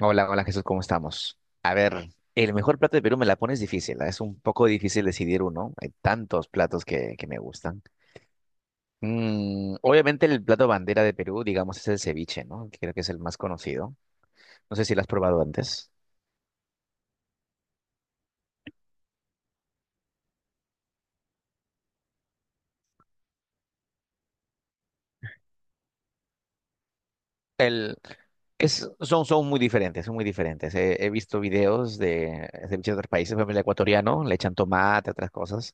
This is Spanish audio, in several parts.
Hola, hola Jesús, ¿cómo estamos? A ver, el mejor plato de Perú me la pones difícil, ¿ah? Es un poco difícil decidir uno, hay tantos platos que me gustan. Obviamente el plato bandera de Perú, digamos, es el ceviche, ¿no? Creo que es el más conocido. No sé si lo has probado antes. El, son muy diferentes, son muy diferentes. He visto videos de ceviche de otros países, por ejemplo, el ecuatoriano, le echan tomate, otras cosas.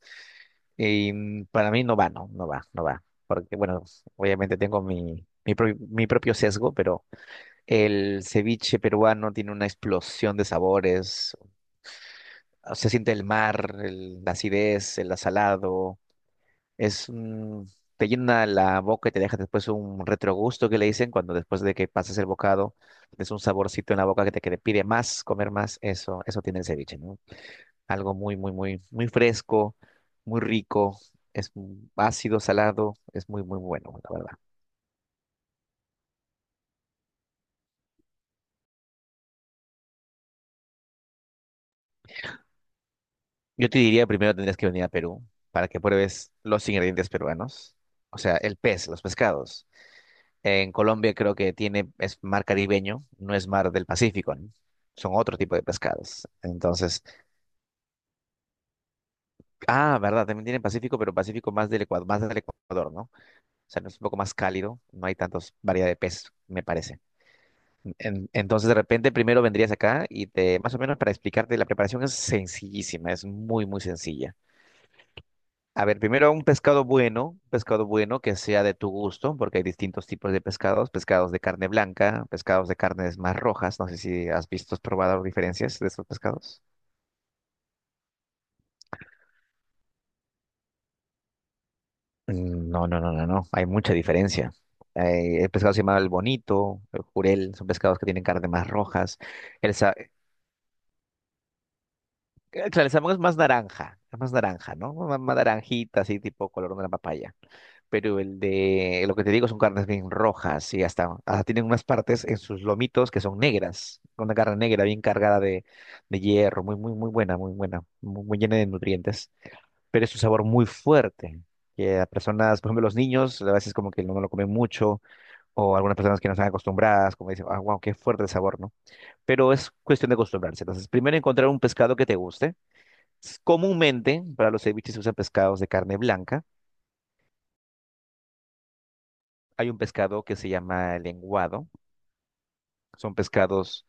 Y para mí no va, no, no va, no va. Porque, bueno, obviamente tengo mi propio sesgo, pero. El ceviche peruano tiene una explosión de sabores. Se siente el mar, la acidez, el asalado. Es un- Te llena la boca y te deja después un retrogusto que le dicen cuando después de que pasas el bocado, es un saborcito en la boca que te pide más, comer más. Eso tiene el ceviche, ¿no? Algo muy, muy, muy, muy fresco, muy rico. Es ácido, salado. Es muy, muy bueno, la verdad. Yo te diría primero tendrías que venir a Perú para que pruebes los ingredientes peruanos, o sea, el pez, los pescados. En Colombia creo que tiene, es mar caribeño, no es mar del Pacífico, ¿no? Son otro tipo de pescados. Entonces, ah, verdad, también tienen Pacífico, pero Pacífico más del Ecuador, ¿no? O sea, no es un poco más cálido, no hay tantos variedad de peces, me parece. Entonces, de repente, primero vendrías acá y te, más o menos para explicarte, la preparación es sencillísima, es muy, muy sencilla. A ver, primero un pescado bueno que sea de tu gusto, porque hay distintos tipos de pescados, pescados de carne blanca, pescados de carnes más rojas, no sé si has visto, has probado diferencias de estos pescados. Mm, no, no, no, no, no, hay mucha diferencia. El pescado se llama el bonito, el jurel, son pescados que tienen carne más rojas. El sa- eh, claro, el salmón es más naranja, ¿no? Más naranjita, así tipo color de una papaya. Pero el de, lo que te digo son carnes bien rojas y hasta tienen unas partes en sus lomitos que son negras, con una carne negra bien cargada de hierro, muy, muy, muy buena, muy buena, muy, muy llena de nutrientes, pero es un sabor muy fuerte. Que a personas, por ejemplo, los niños, a veces como que no lo comen mucho, o algunas personas que no están acostumbradas, como dicen, ah, wow, qué fuerte el sabor, ¿no? Pero es cuestión de acostumbrarse. Entonces, primero encontrar un pescado que te guste. Comúnmente, para los ceviches se usan pescados de carne blanca. Hay un pescado que se llama el lenguado, son pescados.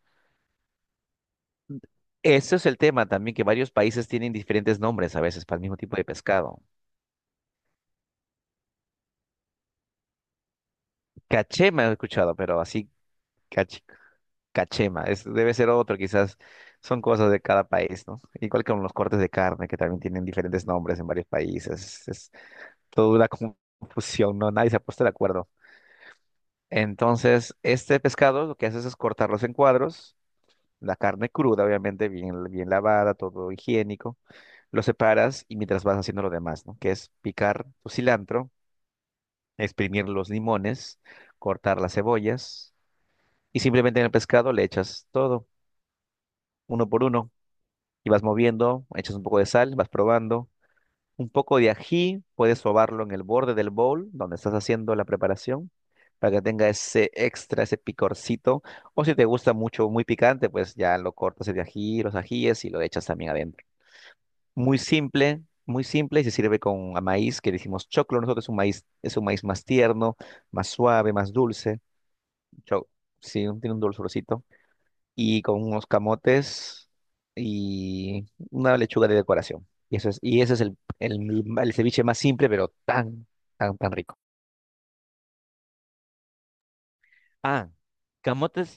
Ese es el tema también, que varios países tienen diferentes nombres a veces para el mismo tipo de pescado. Cachema he escuchado, pero así cach- cachema. Debe ser otro, quizás son cosas de cada país, ¿no? Igual que con los cortes de carne, que también tienen diferentes nombres en varios países. Es toda una confusión, ¿no? Nadie se ha puesto de acuerdo. Entonces, este pescado lo que haces es cortarlos en cuadros, la carne cruda, obviamente, bien, bien lavada, todo higiénico. Lo separas y mientras vas haciendo lo demás, ¿no? Que es picar tu cilantro, exprimir los limones, cortar las cebollas y simplemente en el pescado le echas todo, uno por uno, y vas moviendo, echas un poco de sal, vas probando. Un poco de ají, puedes sobarlo en el borde del bowl donde estás haciendo la preparación para que tenga ese extra, ese picorcito. O si te gusta mucho, muy picante, pues ya lo cortas el ají, los ajíes y lo echas también adentro. Muy simple y se sirve con a maíz que le decimos choclo. Nosotros es un maíz más tierno, más suave, más dulce. Cho- sí, tiene un dulzorcito. Y con unos camotes y una lechuga de decoración. Y eso es, y ese es el ceviche más simple, pero tan, tan, tan rico. Ah, camotes,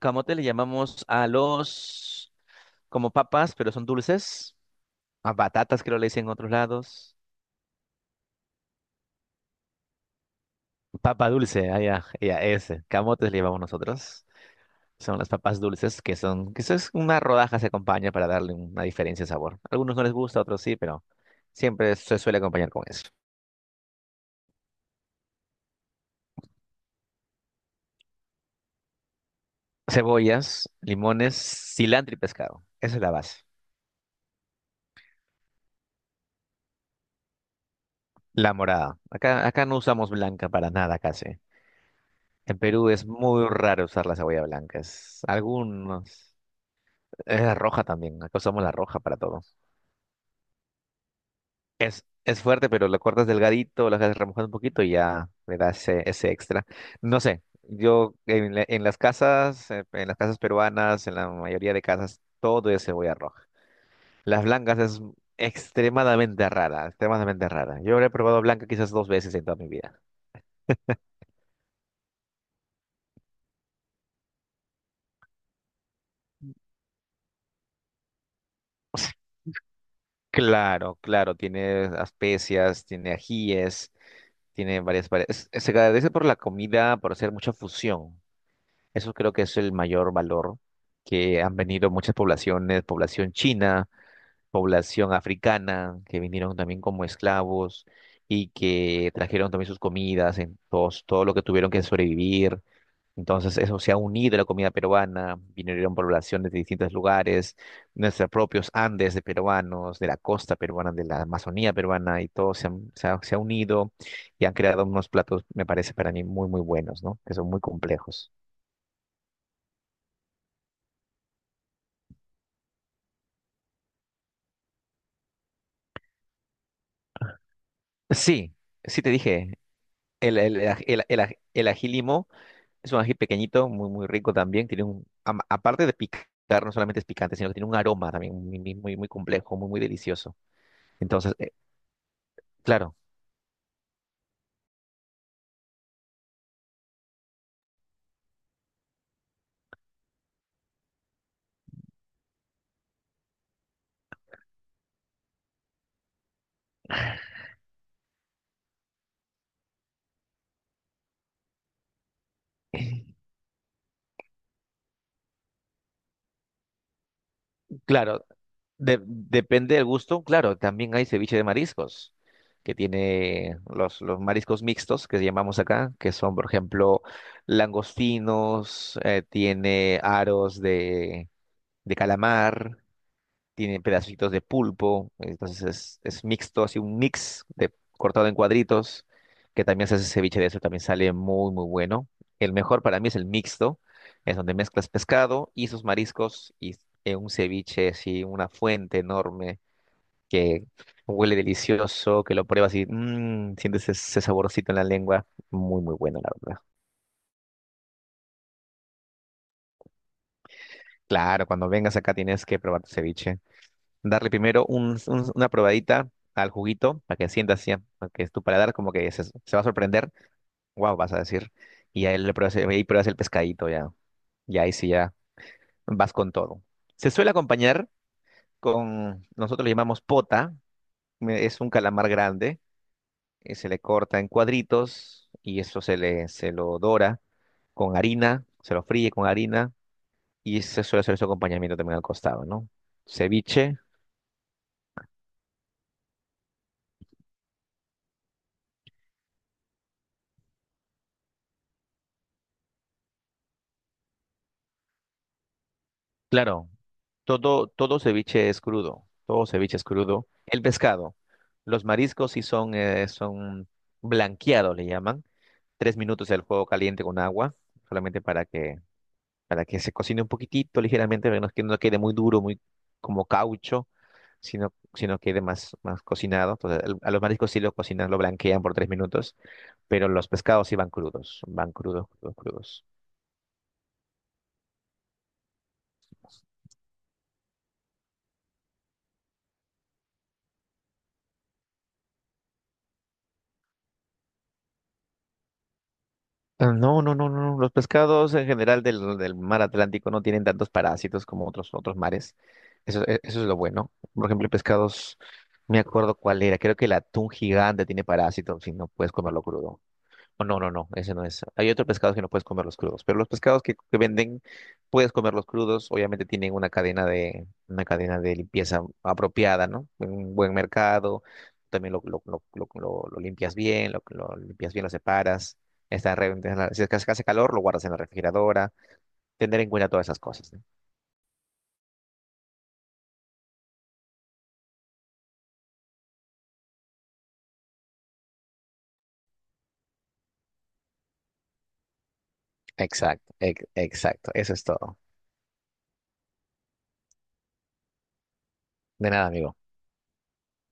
camote le llamamos a los como papas, pero son dulces. A batatas creo le dicen en otros lados. Papa dulce, allá, ya, ese. Camotes le llamamos nosotros. Son las papas dulces que son, que eso es una rodaja se acompaña para darle una diferencia de sabor. Algunos no les gusta, otros sí, pero siempre se suele acompañar con eso. Cebollas, limones, cilantro y pescado. Esa es la base. La morada. Acá, acá no usamos blanca para nada casi. En Perú es muy raro usar la cebolla blanca. Es algunos. Es la roja también. Acá usamos la roja para todo. Es fuerte, pero lo cortas delgadito, lo dejas remojar un poquito y ya le da ese, ese extra. No sé, yo en, en las casas peruanas, en la mayoría de casas, todo es cebolla roja. Las blancas es extremadamente rara, extremadamente rara. Yo he probado blanca quizás dos veces en toda mi vida. Claro, claro, tiene especias, tiene ajíes, tiene se agradece por la comida, por hacer mucha fusión. Eso creo que es el mayor valor que han venido muchas poblaciones, población china, población africana, que vinieron también como esclavos y que trajeron también sus comidas, en todo lo que tuvieron que sobrevivir. Entonces eso se ha unido a la comida peruana, vinieron poblaciones de distintos lugares, nuestros propios Andes de peruanos, de la costa peruana, de la Amazonía peruana, y todo se, han- se ha unido y han creado unos platos, me parece para mí, muy, muy buenos, ¿no? Que son muy complejos. Sí, sí te dije. El ají limo es un ají pequeñito, muy, muy rico también. Tiene aparte de picar, no solamente es picante, sino que tiene un aroma también muy, muy, muy muy complejo, muy, muy delicioso. Entonces, claro. Claro, depende del gusto. Claro, también hay ceviche de mariscos, que tiene los mariscos mixtos, que llamamos acá, que son, por ejemplo, langostinos, tiene aros de, calamar. Tiene pedacitos de pulpo, entonces es mixto, así un mix de cortado en cuadritos, que también se hace ceviche de eso, también sale muy, muy bueno. El mejor para mí es el mixto, es donde mezclas pescado y sus mariscos y en un ceviche, así, una fuente enorme que huele delicioso, que lo pruebas y sientes ese saborcito en la lengua, muy, muy bueno, la verdad. Claro, cuando vengas acá tienes que probar tu ceviche. Darle primero una probadita al juguito para que sientas, así, para que tu paladar como que se va a sorprender. Wow, vas a decir. Y ahí, le pruebas, ahí pruebas el pescadito ya. Y ahí sí ya vas con todo. Se suele acompañar con, nosotros le llamamos pota, es un calamar grande, y se le corta en cuadritos y eso se lo dora con harina, se lo fríe con harina y se suele hacer su acompañamiento también al costado, ¿no? Ceviche, claro. Todo ceviche es crudo, todo ceviche es crudo. El pescado, los mariscos sí son, son blanqueados, le llaman. 3 minutos del fuego caliente con agua, solamente para que, se cocine un poquitito, ligeramente, para que que no quede muy duro, muy como caucho, sino quede más, más cocinado. Entonces, a los mariscos sí lo cocinan, lo blanquean por 3 minutos, pero los pescados sí van crudos, crudos, crudos. Ah, no, no, no, no. Los pescados en general del mar Atlántico no tienen tantos parásitos como otros mares. Eso es lo bueno. Por ejemplo, pescados, no me acuerdo cuál era. Creo que el atún gigante tiene parásitos y no puedes comerlo crudo. Oh, no, no, no, ese no es. Hay otros pescados que no puedes comerlos crudos, pero los pescados que venden puedes comerlos crudos. Obviamente tienen una cadena de limpieza apropiada, ¿no? Un buen mercado. También lo limpias bien, lo limpias bien, lo separas. Está re- en la- Si es que hace calor, lo guardas en la refrigeradora. Tener en cuenta todas esas cosas, ¿no? Exacto, exacto. Eso es todo. De nada, amigo.